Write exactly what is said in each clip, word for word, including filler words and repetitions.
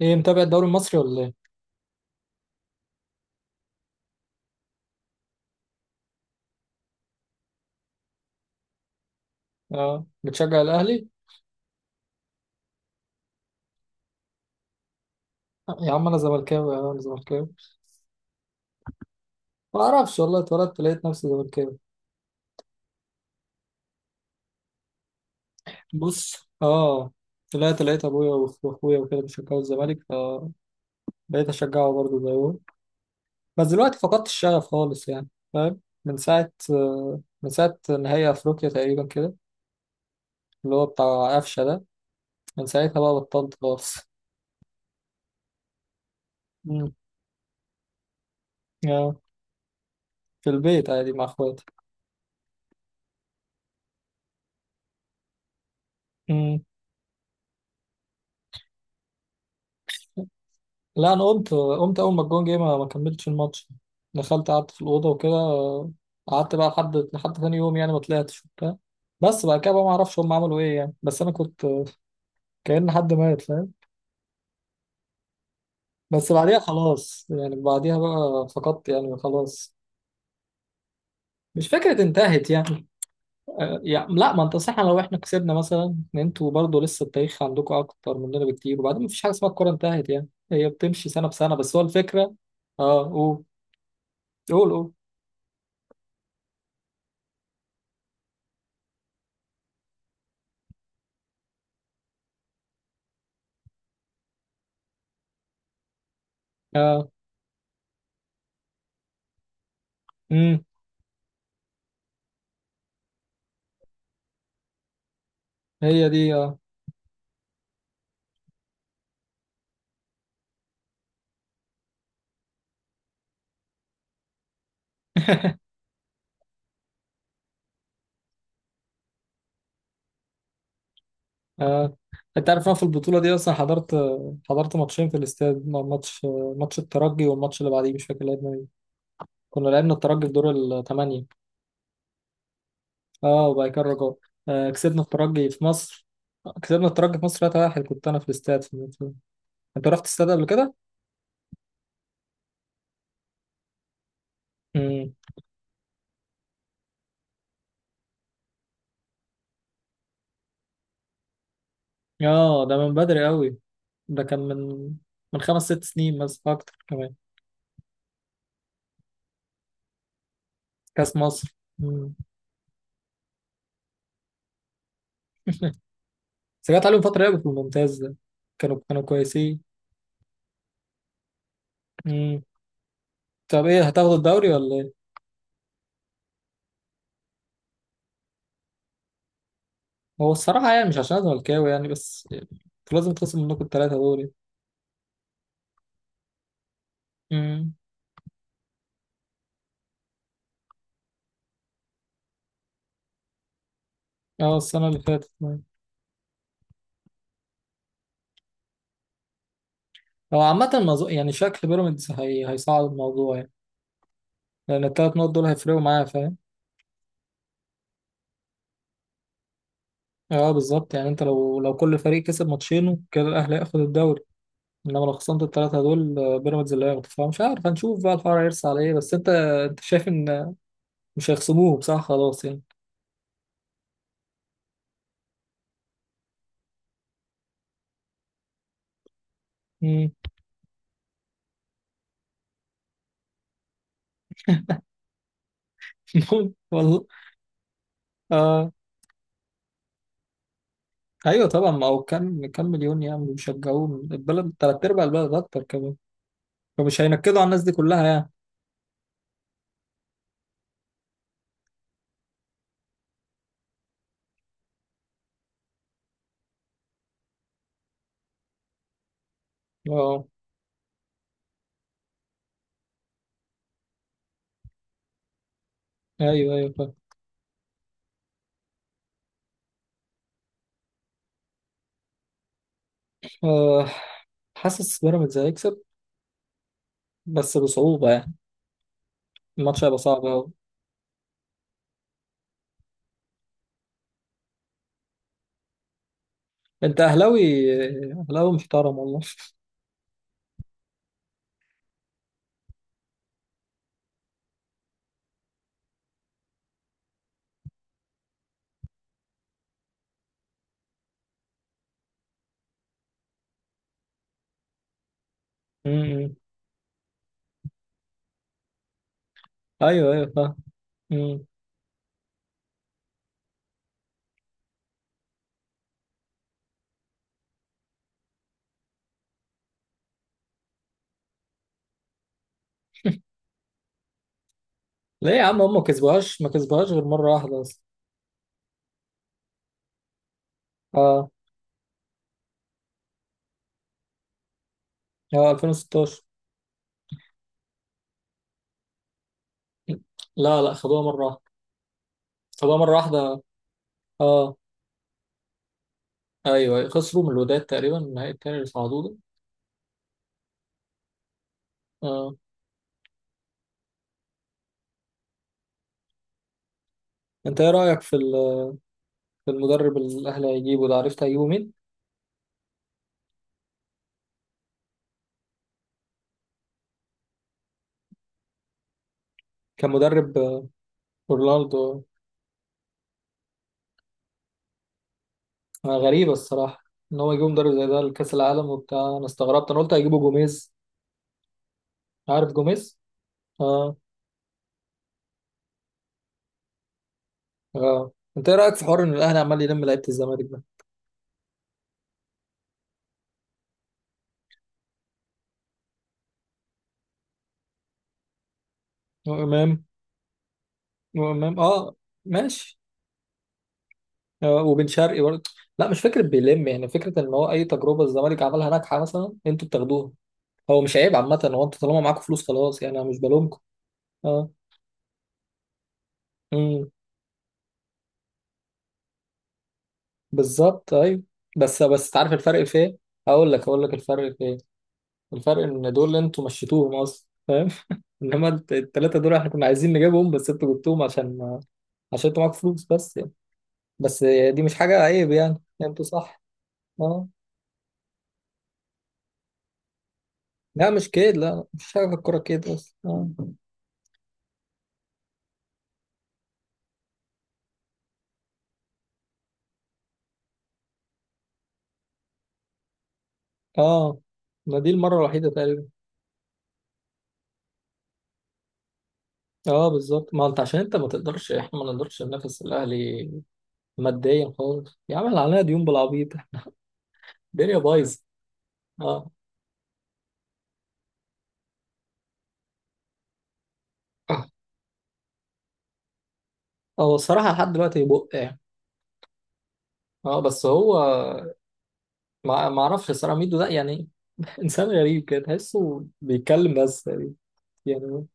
ايه، متابع الدوري المصري ولا ايه؟ اه، بتشجع الاهلي؟ آه، يا عم انا زملكاوي، يا عم انا زملكاوي. ما اعرفش والله، اتولدت لقيت نفسي زملكاوي. بص، اه. طلعت لقيت ابويا وأخ- واخويا وكده بيشجعوا الزمالك، فبقيت اشجعه برضه زيهم. بس دلوقتي فقدت الشغف خالص يعني. فاهم. من ساعة آه، من ساعة نهائي افريقيا تقريبا كده، اللي هو بتاع قفشة ده. من ساعتها بقى بطلت خالص. امم. آه، في البيت عادي مع اخواتي. لا، انا قمت قمت اول ما الجون جه، ما ما كملتش الماتش. دخلت قعدت في الاوضه وكده. قعدت بقى لحد لحد ثاني يوم يعني، ما طلعتش وبتاع. بس بعد كده بقى ما اعرفش هم عملوا ايه يعني، بس انا كنت كأن حد مات، فاهم. بس بعديها خلاص يعني، بعديها بقى فقدت يعني، خلاص. مش فكرة انتهت يعني. آه، يعني لا، ما انت صح، لو احنا كسبنا مثلا، ان انتوا برضه لسه التاريخ عندكم اكتر مننا بكتير، وبعدين مفيش حاجة اسمها الكورة انتهت يعني، هي بتمشي سنة بسنة، بس هو الفكرة. اه، قول، قول، قول. اه. امم. هي دي، اه. آه. انت عارف، أنا في البطولة دي اصلا حضرت، حضرت ماتشين في الاستاد، م- ماتش، ماتش الترجي والماتش اللي بعديه مش فاكر لعبنا مين. كنا لعبنا الترجي في دور الثمانية. اه، وبعد كده الرجاء. آه، كسبنا الترجي في مصر، كسبنا الترجي في مصر ثلاثة واحد. كنت انا في الاستاد في الماتش. انت رحت الاستاد قبل كده؟ امم. اه، ده من بدري قوي. ده كان من، من خمس ست سنين مثلا، اكتر كمان. كاس مصر. مم. بس جت عليهم فترة لعبوا في الممتاز ده، كانوا كانوا كويسين. طب ايه هتاخدوا الدوري ولا ايه؟ هو الصراحة يعني، مش عشان أنا زملكاوي يعني، بس يعني انتوا لازم تخصم منكم التلاتة دوري. امم. اه، السنة اللي فاتت. هو عامة الموضوع يعني، شكل بيراميدز هي هيصعد الموضوع يعني، لأن التلات نقط دول هيفرقوا معايا، فاهم؟ اه بالظبط، يعني انت لو لو كل فريق كسب ماتشينه كده الأهلي هياخد الدوري. انما لو خصمت التلاتة دول، آه، بيراميدز اللي هياخده. فمش عارف، هنشوف بقى الحوار هيرسى على ايه. بس انت، انت شايف ان مش هيخصموه، صح، خلاص يعني. امم. والله. اه. ايوه طبعا، ما هو كام كام مليون يعني بيشجعوه، البلد، تلات ارباع البلد، اكتر كمان. فمش هينكدوا على الناس دي كلها يعني. اه، ايوه ايوه فاهم. آه، حاسس بيراميدز هيكسب، بس بصعوبه يعني، الماتش هيبقى صعب قوي. انت اهلاوي، اهلاوي محترم والله. امم. ايوه ايوه فاهم. امم. ليه يا عم، هم ما كسبوهاش، ما كسبوهاش غير مره واحده اصلا. اه. اه، ألفين وستاشر. لا لا، خدوها مرة واحدة، خدوها مرة واحدة. اه. ايوه، أيوة. خسروا من الوداد تقريبا النهائي التاني اللي صعدوه ده. آه. انت ايه رأيك في ال- في المدرب اللي الاهلي هيجيبه ده، عرفت هيجيبه مين؟ كان مدرب آه، رونالدو. آه، غريبة الصراحة، ان هو يجيبوا مدرب زي ده لكأس العالم وبتاع. انا استغربت، انا قلت هيجيبوا جوميز. عارف جوميز. اه. اه. انت ايه رأيك في حوار ان الاهلي عمال يلم لعيبة الزمالك ده؟ وامام، وامام اه. ماشي. آه، وبن شرقي برضه. لا مش فكرة بيلم يعني، فكرة ان هو اي تجربة الزمالك عملها ناجحة مثلا انتوا بتاخدوها. هو مش عيب عامة، هو انتوا طالما معاكم فلوس خلاص يعني، انا مش بلومكم. اه. إمم. بالظبط، ايوه. بس، بس تعرف الفرق في ايه. اقول لك، اقول لك الفرق في ايه. الفرق ان دول انتوا مشيتوهم اصلا، فاهم. انما الت- التلاتة دول احنا كنا عايزين نجيبهم، بس انتوا جبتوهم عشان، عشان انتوا معاكوا فلوس بس يعني. بس دي مش حاجة عيب يعني، انتوا صح. اه. لا مش كده، لا مش حاجة، في الكورة كده اصلا. اه. اه، ما دي المرة الوحيدة تقريبا. اه بالظبط، ما انت عشان انت ما تقدرش، احنا ما نقدرش ننافس الاهلي ماديا خالص يا عم، اللي علينا ديون بالعبيط. الدنيا بايظة. اه. هو الصراحة لحد دلوقتي بق يعني. اه، بس هو، ما ما اعرفش الصراحة ميدو ده يعني. انسان غريب كده، تحسه بيتكلم بس يعني.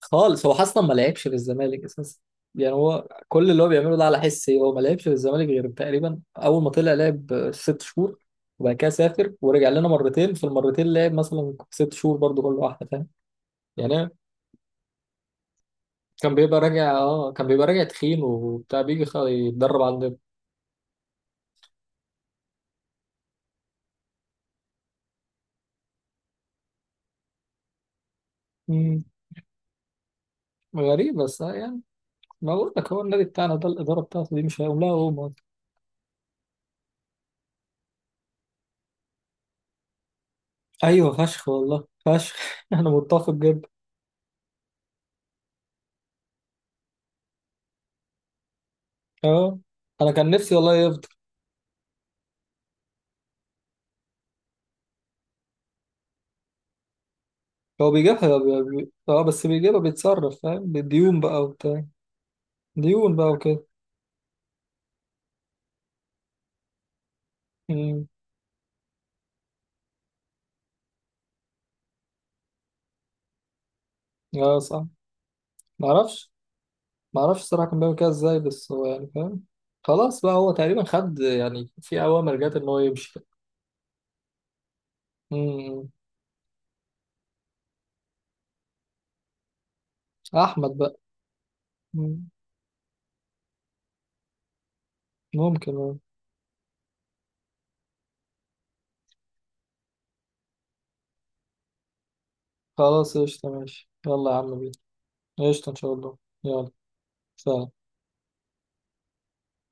خالص، هو اصلا ما لعبش في الزمالك اساسا يعني، هو كل اللي هو بيعمله ده على حسي، هو ما لعبش في الزمالك غير تقريبا اول ما طلع لعب ست شهور، وبعد كده سافر ورجع لنا مرتين، في المرتين لعب مثلا ست شهور برضو كل واحدة، فاهم يعني. كان بيبقى راجع، اه كان بيبقى راجع تخين وبتاع، بيجي خ- يتدرب عندنا. مم، غريب بس يعني. ما بقول لك، هو النادي بتاعنا ده الإدارة بتاعته دي مش هيقوم لها هو. أيوه فشخ والله، فشخ. أنا متفق جدا. أه. أنا كان نفسي والله يفضل. هو بيجيبها بي- بي- أه، بس بيجيبها بيتصرف، فاهم، بالديون بقى وبتاع. ديون بقى وكده. أمم. أه صح. معرفش، معرفش الصراحة كان بيعمل كده إزاي، بس هو يعني فاهم، خلاص بقى، هو تقريبا خد يعني، في أوامر جات إن هو يمشي كده. أمم. أحمد بقى. أمم. ممكن، أه. خلاص، قشطة، ماشي، يلا يا عم بينا. قشطة إن شاء الله. يلا. سلام.